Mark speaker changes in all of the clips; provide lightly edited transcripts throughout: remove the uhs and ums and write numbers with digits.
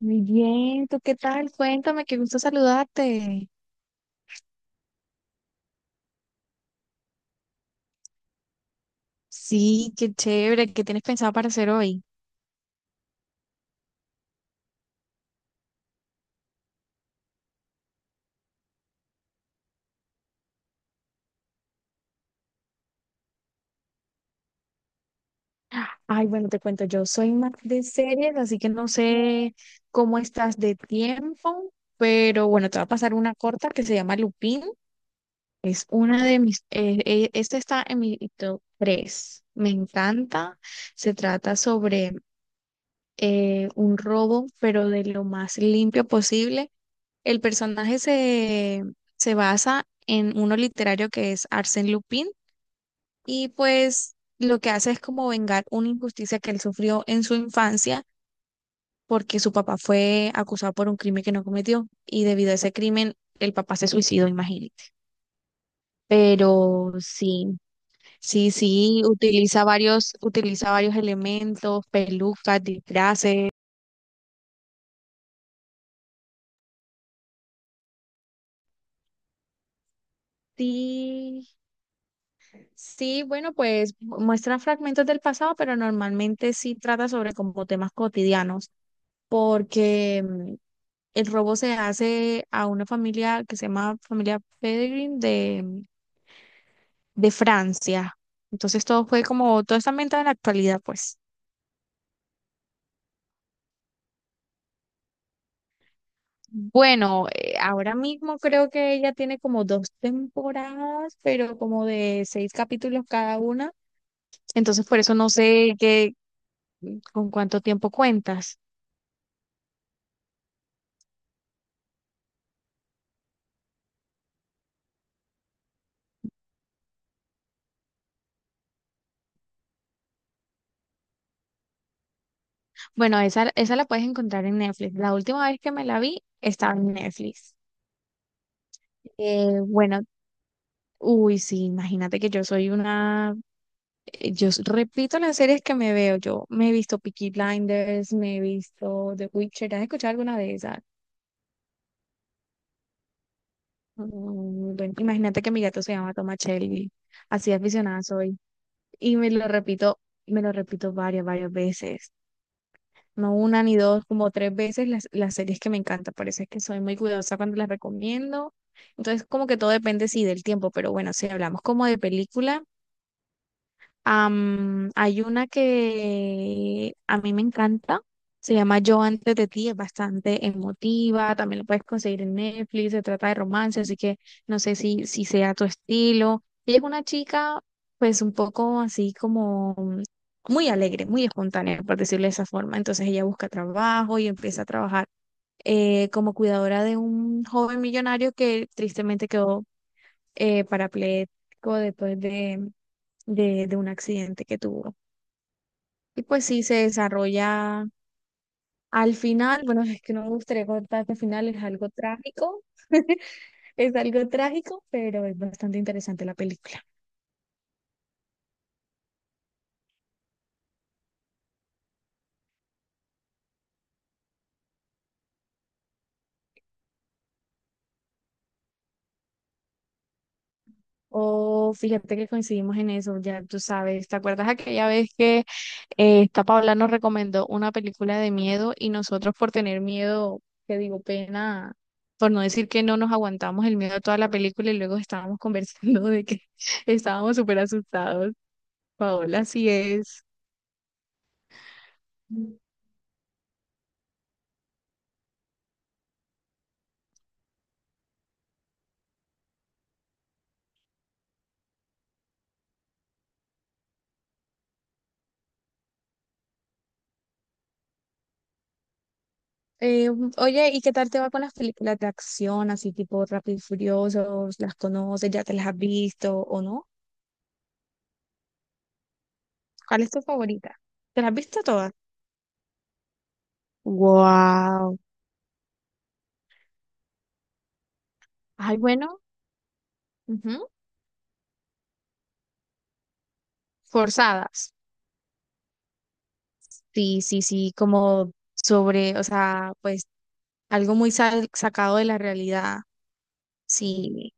Speaker 1: Muy bien, ¿tú qué tal? Cuéntame, qué gusto saludarte. Sí, qué chévere, ¿qué tienes pensado para hacer hoy? Ay, bueno, te cuento, yo soy más de series, así que no sé cómo estás de tiempo, pero bueno, te va a pasar una corta que se llama Lupin. Es una de esta está en mi top tres. Me encanta. Se trata sobre un robo, pero de lo más limpio posible. El personaje se basa en uno literario que es Arsène Lupin, y pues lo que hace es como vengar una injusticia que él sufrió en su infancia porque su papá fue acusado por un crimen que no cometió y debido a ese crimen el papá se suicidó, imagínate. Pero sí, sí, sí, utiliza varios elementos, pelucas, disfraces. Sí, sí, bueno, pues muestra fragmentos del pasado, pero normalmente sí trata sobre como temas cotidianos, porque el robo se hace a una familia que se llama familia Pellegrin de Francia. Entonces todo fue como, todo está ambientado en la actualidad, pues. Bueno, ahora mismo creo que ella tiene como dos temporadas, pero como de seis capítulos cada una. Entonces por eso no sé qué, con cuánto tiempo cuentas. Bueno, esa la puedes encontrar en Netflix. La última vez que me la vi estaba en Netflix. Bueno, uy, sí, imagínate que yo soy una, repito las series que me veo. Yo me he visto Peaky Blinders, me he visto The Witcher. ¿Has escuchado alguna de esas? Bueno, imagínate que mi gato se llama Toma Shelby. Así de aficionada soy. Y me lo repito varias, varias veces. No una ni dos, como tres veces las series que me encantan. Por eso es que soy muy cuidadosa cuando las recomiendo. Entonces, como que todo depende, sí, del tiempo, pero bueno, si hablamos como de película. Hay una que a mí me encanta, se llama Yo antes de ti, es bastante emotiva, también la puedes conseguir en Netflix, se trata de romance, así que no sé si sea tu estilo. Ella es una chica, pues un poco así como muy alegre, muy espontánea, por decirlo de esa forma. Entonces ella busca trabajo y empieza a trabajar como cuidadora de un joven millonario que tristemente quedó parapléjico después de un accidente que tuvo. Y pues sí, se desarrolla al final, bueno, es que no me gustaría contar que al final es algo trágico, es algo trágico, pero es bastante interesante la película. Oh, fíjate que coincidimos en eso, ya tú sabes, ¿te acuerdas aquella vez que esta Paula nos recomendó una película de miedo y nosotros por tener miedo, te digo, pena, por no decir que no nos aguantamos el miedo a toda la película y luego estábamos conversando de que estábamos súper asustados. Paola, así es. Eh, Oye, ¿y qué tal te va con las películas de acción, así tipo Rápido y Furiosos? ¿Las conoces? ¿Ya te las has visto o no? ¿Cuál es tu favorita? ¿Te las has visto todas? Wow. Ay, bueno, ujú, forzadas. Sí, sí, sí, como sobre, o sea, pues algo muy sal- sacado de la realidad. Sí,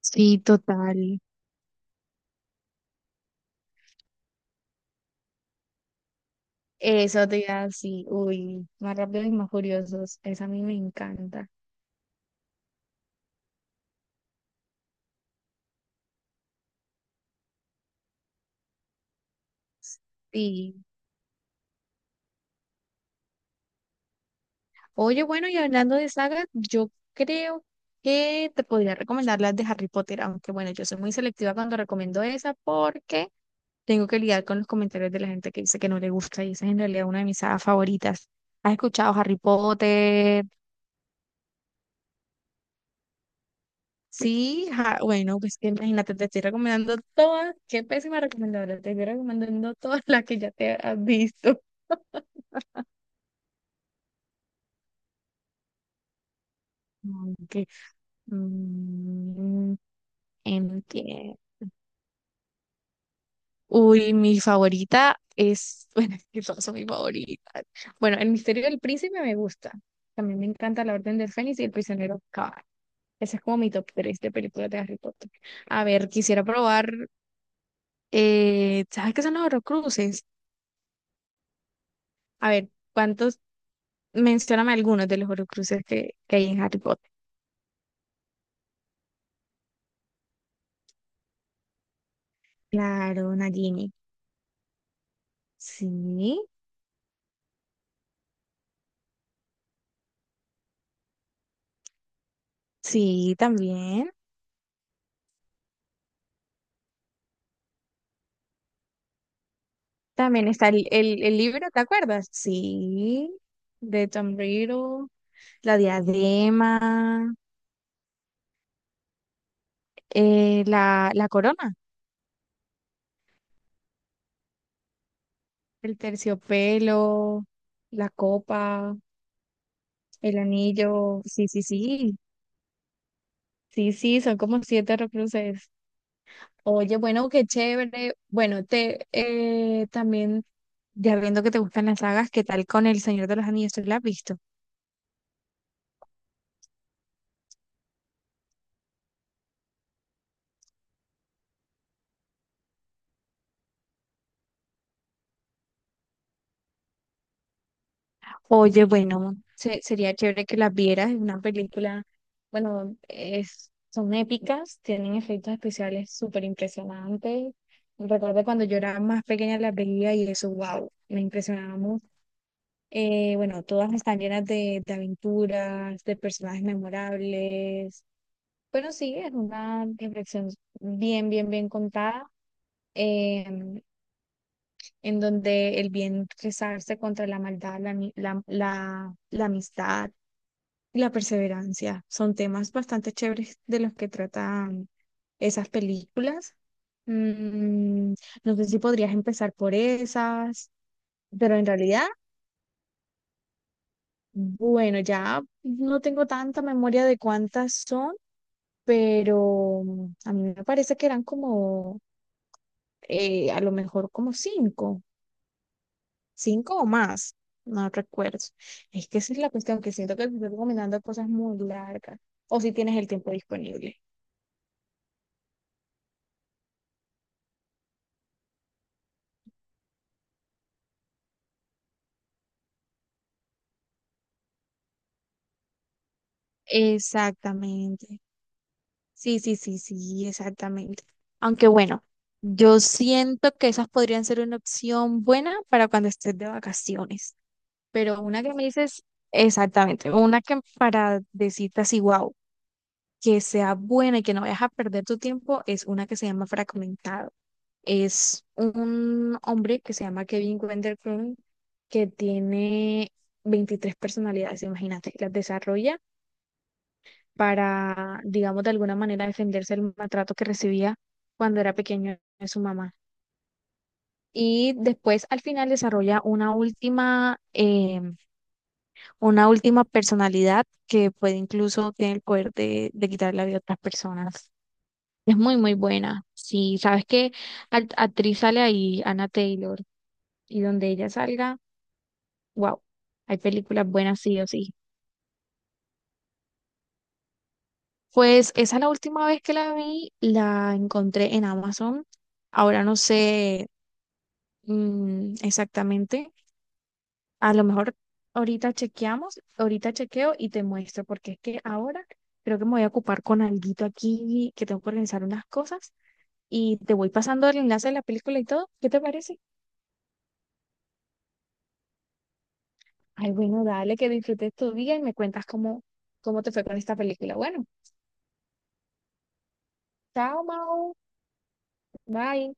Speaker 1: sí, total. Eso te iba a decir, uy, más rápido y más furiosos. Esa a mí me encanta. Sí. Oye, bueno, y hablando de sagas, yo creo que te podría recomendar las de Harry Potter, aunque bueno, yo soy muy selectiva cuando recomiendo esa porque tengo que lidiar con los comentarios de la gente que dice que no le gusta y esa es en realidad una de mis sagas favoritas. ¿Has escuchado Harry Potter? Sí, bueno, pues que imagínate, te estoy recomendando todas, qué pésima recomendadora, te estoy recomendando todas las que ya te has visto. Aunque, mm, entiendo. Uy, mi favorita es, bueno, es que todas son mis favoritas. Bueno, El Misterio del Príncipe me gusta. También me encanta La Orden del Fénix y El Prisionero Cabal. Ese es como mi top 3 de películas de Harry Potter. A ver, quisiera probar, ¿sabes qué son los Horrocruces? A ver, ¿cuántos? Mencióname algunos de los Horrocruces que hay en Harry Potter. Claro, Nagini. Sí, sí, también. También está el libro, ¿te acuerdas? Sí, de Tom Riddle. La diadema, la corona, el terciopelo, la copa, el anillo. Sí, sí, sí. Sí, sí, son como siete recluses. Oye, bueno, qué chévere. Bueno, te también, ya viendo que te gustan las sagas, ¿qué tal con El Señor de los Anillos? ¿Tú la has visto? Oye, bueno, sería chévere que las vieras. Es una película, bueno, es, son épicas, tienen efectos especiales súper impresionantes. Recuerdo cuando yo era más pequeña las veía y eso, wow, me impresionaba mucho. Bueno, todas están llenas de aventuras, de personajes memorables. Pero sí, es una reflexión bien, bien, bien contada. em, en donde el bien rezarse contra la maldad, la amistad y la perseverancia. Son temas bastante chéveres de los que tratan esas películas. Mm, no sé si podrías empezar por esas, pero en realidad, bueno, ya no tengo tanta memoria de cuántas son, pero a mí me parece que eran como, a lo mejor como cinco, cinco o más, no recuerdo. Es que esa es la cuestión, que siento que te estoy recomendando cosas muy largas, o si tienes el tiempo disponible. Exactamente. Sí, sí, sí, sí, exactamente. Aunque bueno, yo siento que esas podrían ser una opción buena para cuando estés de vacaciones. Pero una que me dices, exactamente, una que para decirte así, wow, que sea buena y que no vayas a perder tu tiempo, es una que se llama Fragmentado. Es un hombre que se llama Kevin Wender Crumb, que tiene 23 personalidades, imagínate, las desarrolla para, digamos, de alguna manera defenderse del maltrato que recibía cuando era pequeño de su mamá. Y después al final desarrolla una última personalidad que puede incluso tener el poder de quitar la vida a otras personas. Es muy, muy buena. Sí, sabes que actriz sale ahí, Anna Taylor, y donde ella salga, wow, hay películas buenas sí o sí. Pues esa es la última vez que la vi, la encontré en Amazon. Ahora no sé. Mm, exactamente. A lo mejor ahorita chequeamos, ahorita chequeo y te muestro, porque es que ahora creo que me voy a ocupar con alguito aquí, que tengo que organizar unas cosas y te voy pasando el enlace de la película y todo. ¿Qué te parece? Ay, bueno, dale, que disfrutes tu día y me cuentas cómo, cómo te fue con esta película. Bueno, chao, Mau. Bye.